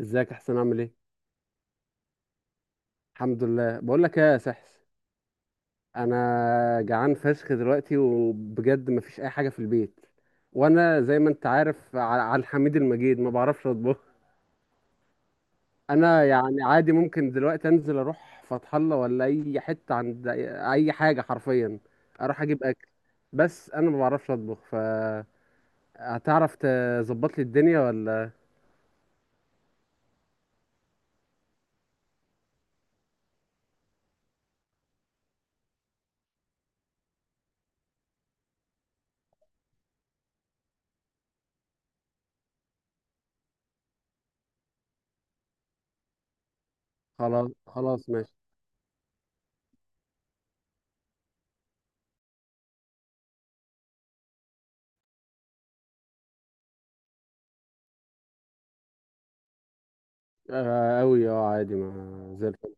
ازيك؟ احسن؟ عامل ايه؟ الحمد لله. بقول لك ايه يا سحس، انا جعان فشخ دلوقتي وبجد مفيش اي حاجه في البيت. وانا زي ما انت عارف، على الحميد المجيد ما بعرفش اطبخ. انا يعني عادي ممكن دلوقتي انزل اروح فتح الله ولا اي حته عند أي حاجه حرفيا، اروح اجيب اكل. بس انا ما بعرفش اطبخ، ف هتعرف تظبط لي الدنيا ولا؟ خلاص خلاص ماشي. آه، أوي، اه عادي، ما زي الفل.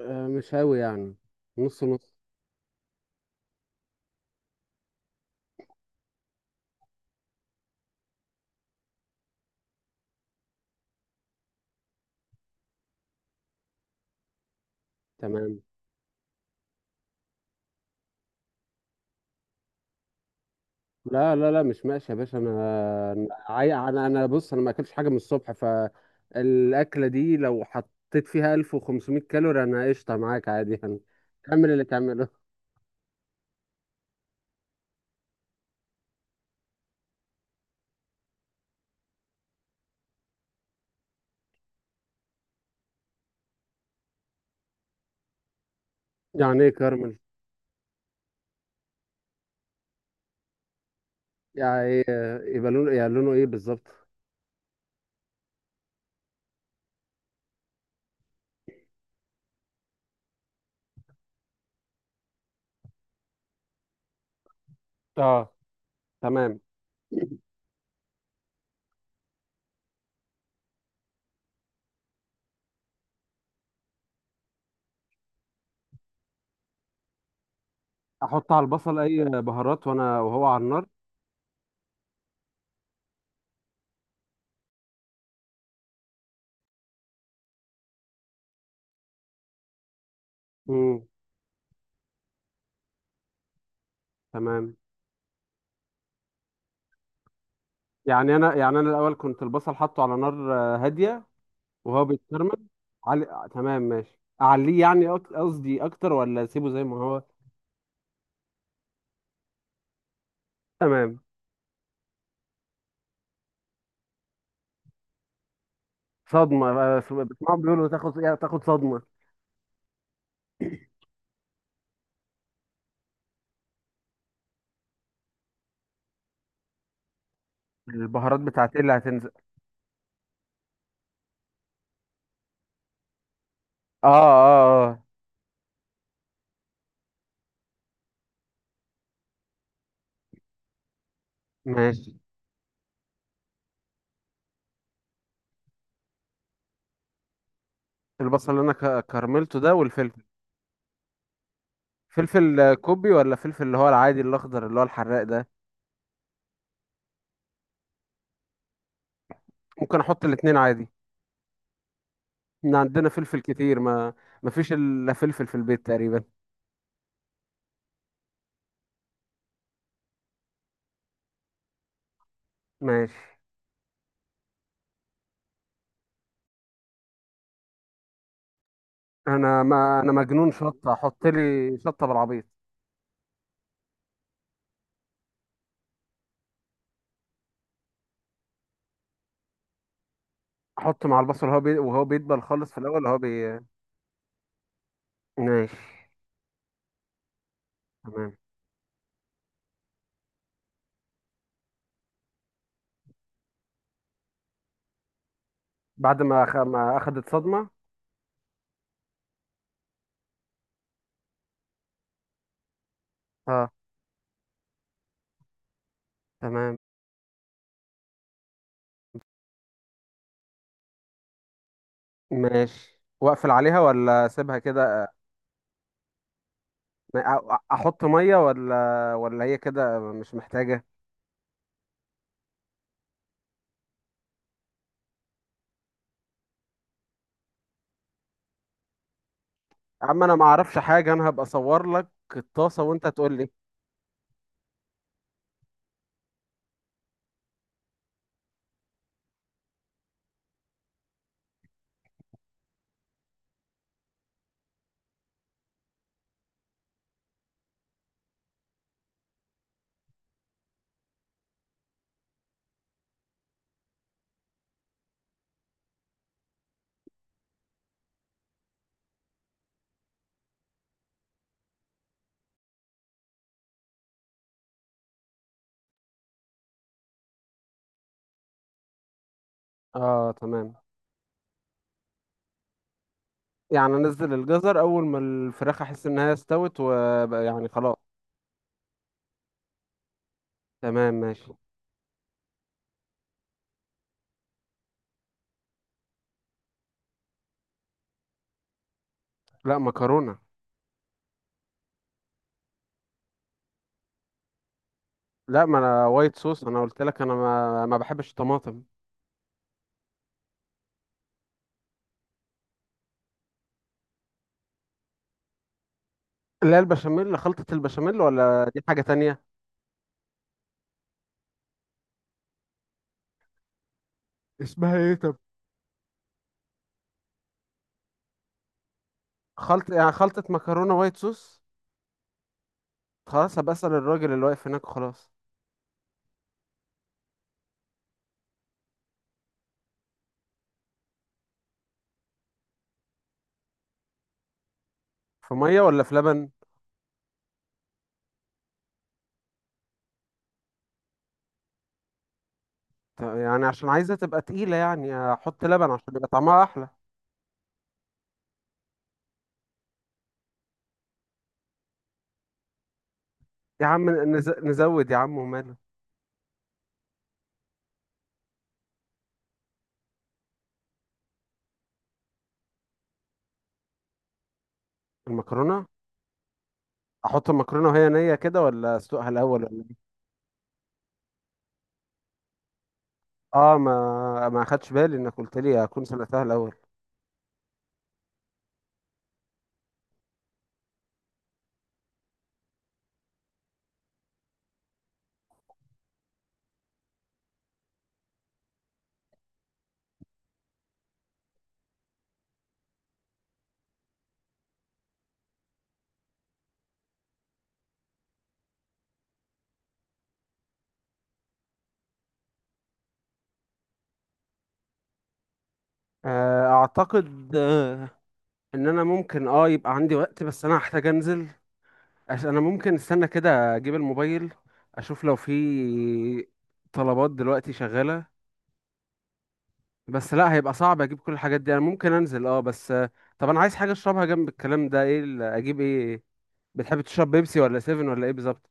آه، مش أوي يعني. نص نص. تمام. لا لا لا مش ماشي يا باشا، انا بص، انا ما اكلتش حاجه من الصبح، فالاكله دي لو حطيت فيها 1500 كالوري انا قشطه معاك عادي يعني. كمل اللي تعمله يعني ايه كارمل؟ يبقى لونه، يعني لونه ايه بالظبط؟ اه تمام. احط على البصل اي بهارات وانا وهو على النار؟ امم. تمام. يعني انا، يعني انا الاول كنت البصل حاطه على نار هاديه، وهو بيتكرمل. تمام ماشي، اعليه يعني قصدي اكتر ولا اسيبه زي ما هو؟ تمام. صدمه بقى، بسمعهم بيقولوا تاخد تاخد صدمه. البهارات بتاعتي اللي هتنزل؟ اه اه اه. ماشي. البصل اللي انا كرملته ده والفلفل؟ فلفل كوبي ولا فلفل اللي هو العادي الاخضر اللي هو الحراق ده؟ ممكن احط الاتنين عادي؟ احنا عندنا فلفل كتير، ما ما فيش الا فلفل في البيت تقريبا. ماشي. انا ما انا مجنون شطه، احط لي شطه بالعبيط. احط مع البصل وهو بيدبل خالص في الاول هو بي ماشي. تمام. بعد ما ما اخدت صدمة. اه تمام. ماشي، واقفل عليها ولا اسيبها كده؟ احط مية ولا هي كده مش محتاجة؟ اما انا ما اعرفش حاجة، انا هبقى اصور لك الطاسة وانت تقول لي. اه تمام. يعني انزل الجزر اول ما الفراخ احس انها استوت وبقى يعني خلاص؟ تمام ماشي. لا، مكرونة. لا ما انا وايت صوص، انا قلت لك انا ما بحبش الطماطم. اللي هي البشاميل، خلطة البشاميل ولا دي حاجة تانية؟ اسمها ايه طب؟ خلط يعني خلطة مكرونة وايت صوص. خلاص هبقى أسأل الراجل اللي واقف هناك، خلاص. في مية ولا في لبن؟ يعني عشان عايزة تبقى تقيلة يعني أحط لبن عشان يبقى طعمها أحلى؟ يا عم نزود يا عم وماله. المكرونة. أحط المكرونة وهي نية كده ولا أسلقها الأول ولا؟ آه، ما أخدش بالي إنك قلت لي أكون سلقتها الأول. آه أعتقد، إن أنا ممكن يبقى عندي وقت، بس أنا هحتاج أنزل عشان انا ممكن استنى كده اجيب الموبايل، اشوف لو في طلبات دلوقتي شغالة. بس لا، هيبقى صعب اجيب كل الحاجات دي. انا ممكن انزل اه بس طب انا عايز حاجة اشربها جنب الكلام ده، ايه اجيب ايه؟ بتحب تشرب بيبسي ولا سيفن ولا ايه بالظبط؟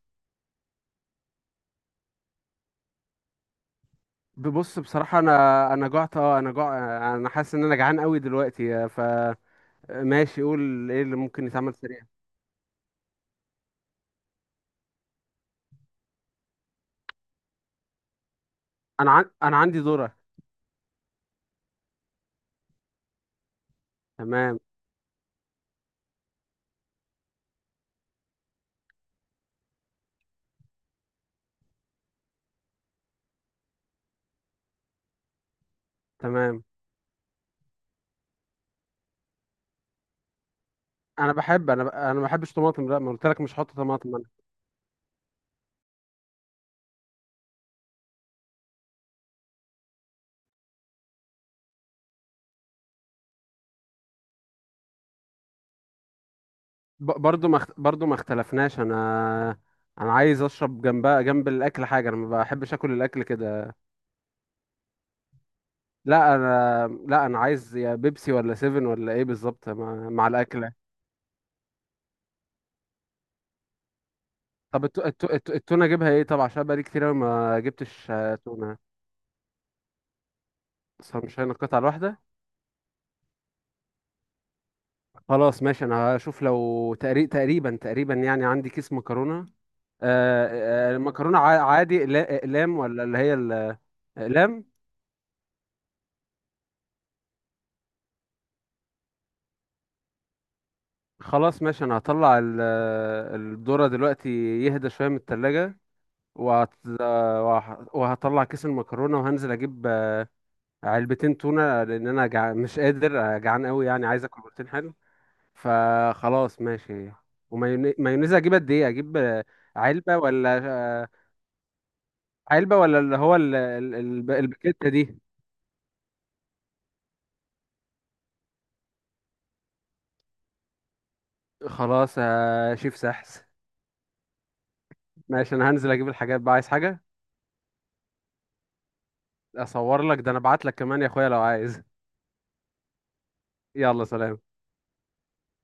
ببص بصراحة، انا جعت، انا جع. انا حاسس ان انا جعان قوي دلوقتي، ف ماشي، قول ايه اللي ممكن يتعمل سريع. انا عندي ذرة. تمام. تمام. انا بحب، انا ما بحبش طماطم، لا ما قلت لك مش هحط طماطم. برضو ما اخت- برضو ما اختلفناش. انا، انا عايز اشرب جنبها جنب الاكل حاجه، انا ما بحبش اكل الاكل كده. لا انا، لا انا عايز يا بيبسي ولا سيفن ولا ايه بالظبط مع مع الاكله. طب التونه اجيبها ايه طب؟ عشان بقالي كتير أوي ما جبتش تونه. اصلا مش هنا القطعه الواحده. خلاص ماشي. انا هشوف لو تقريبا يعني عندي كيس مكرونه. المكرونه، عادي، اقلام ولا اللي هي؟ الاقلام. خلاص ماشي، انا هطلع الذرة دلوقتي يهدى شوية من التلاجة، وهطلع كيس المكرونة، وهنزل اجيب علبتين تونة لان انا مش قادر، جعان قوي، يعني عايز اكل بروتين حلو. فخلاص ماشي. ومايونيز، مايونيز اجيب قد ايه اجيب؟ علبة ولا علبة ولا اللي هو الباكيتة دي؟ خلاص يا شيف سحس. ماشي انا هنزل اجيب الحاجات. بقى عايز حاجة؟ اصور لك ده؟ انا ابعت لك كمان يا اخويا لو عايز. يلا سلام.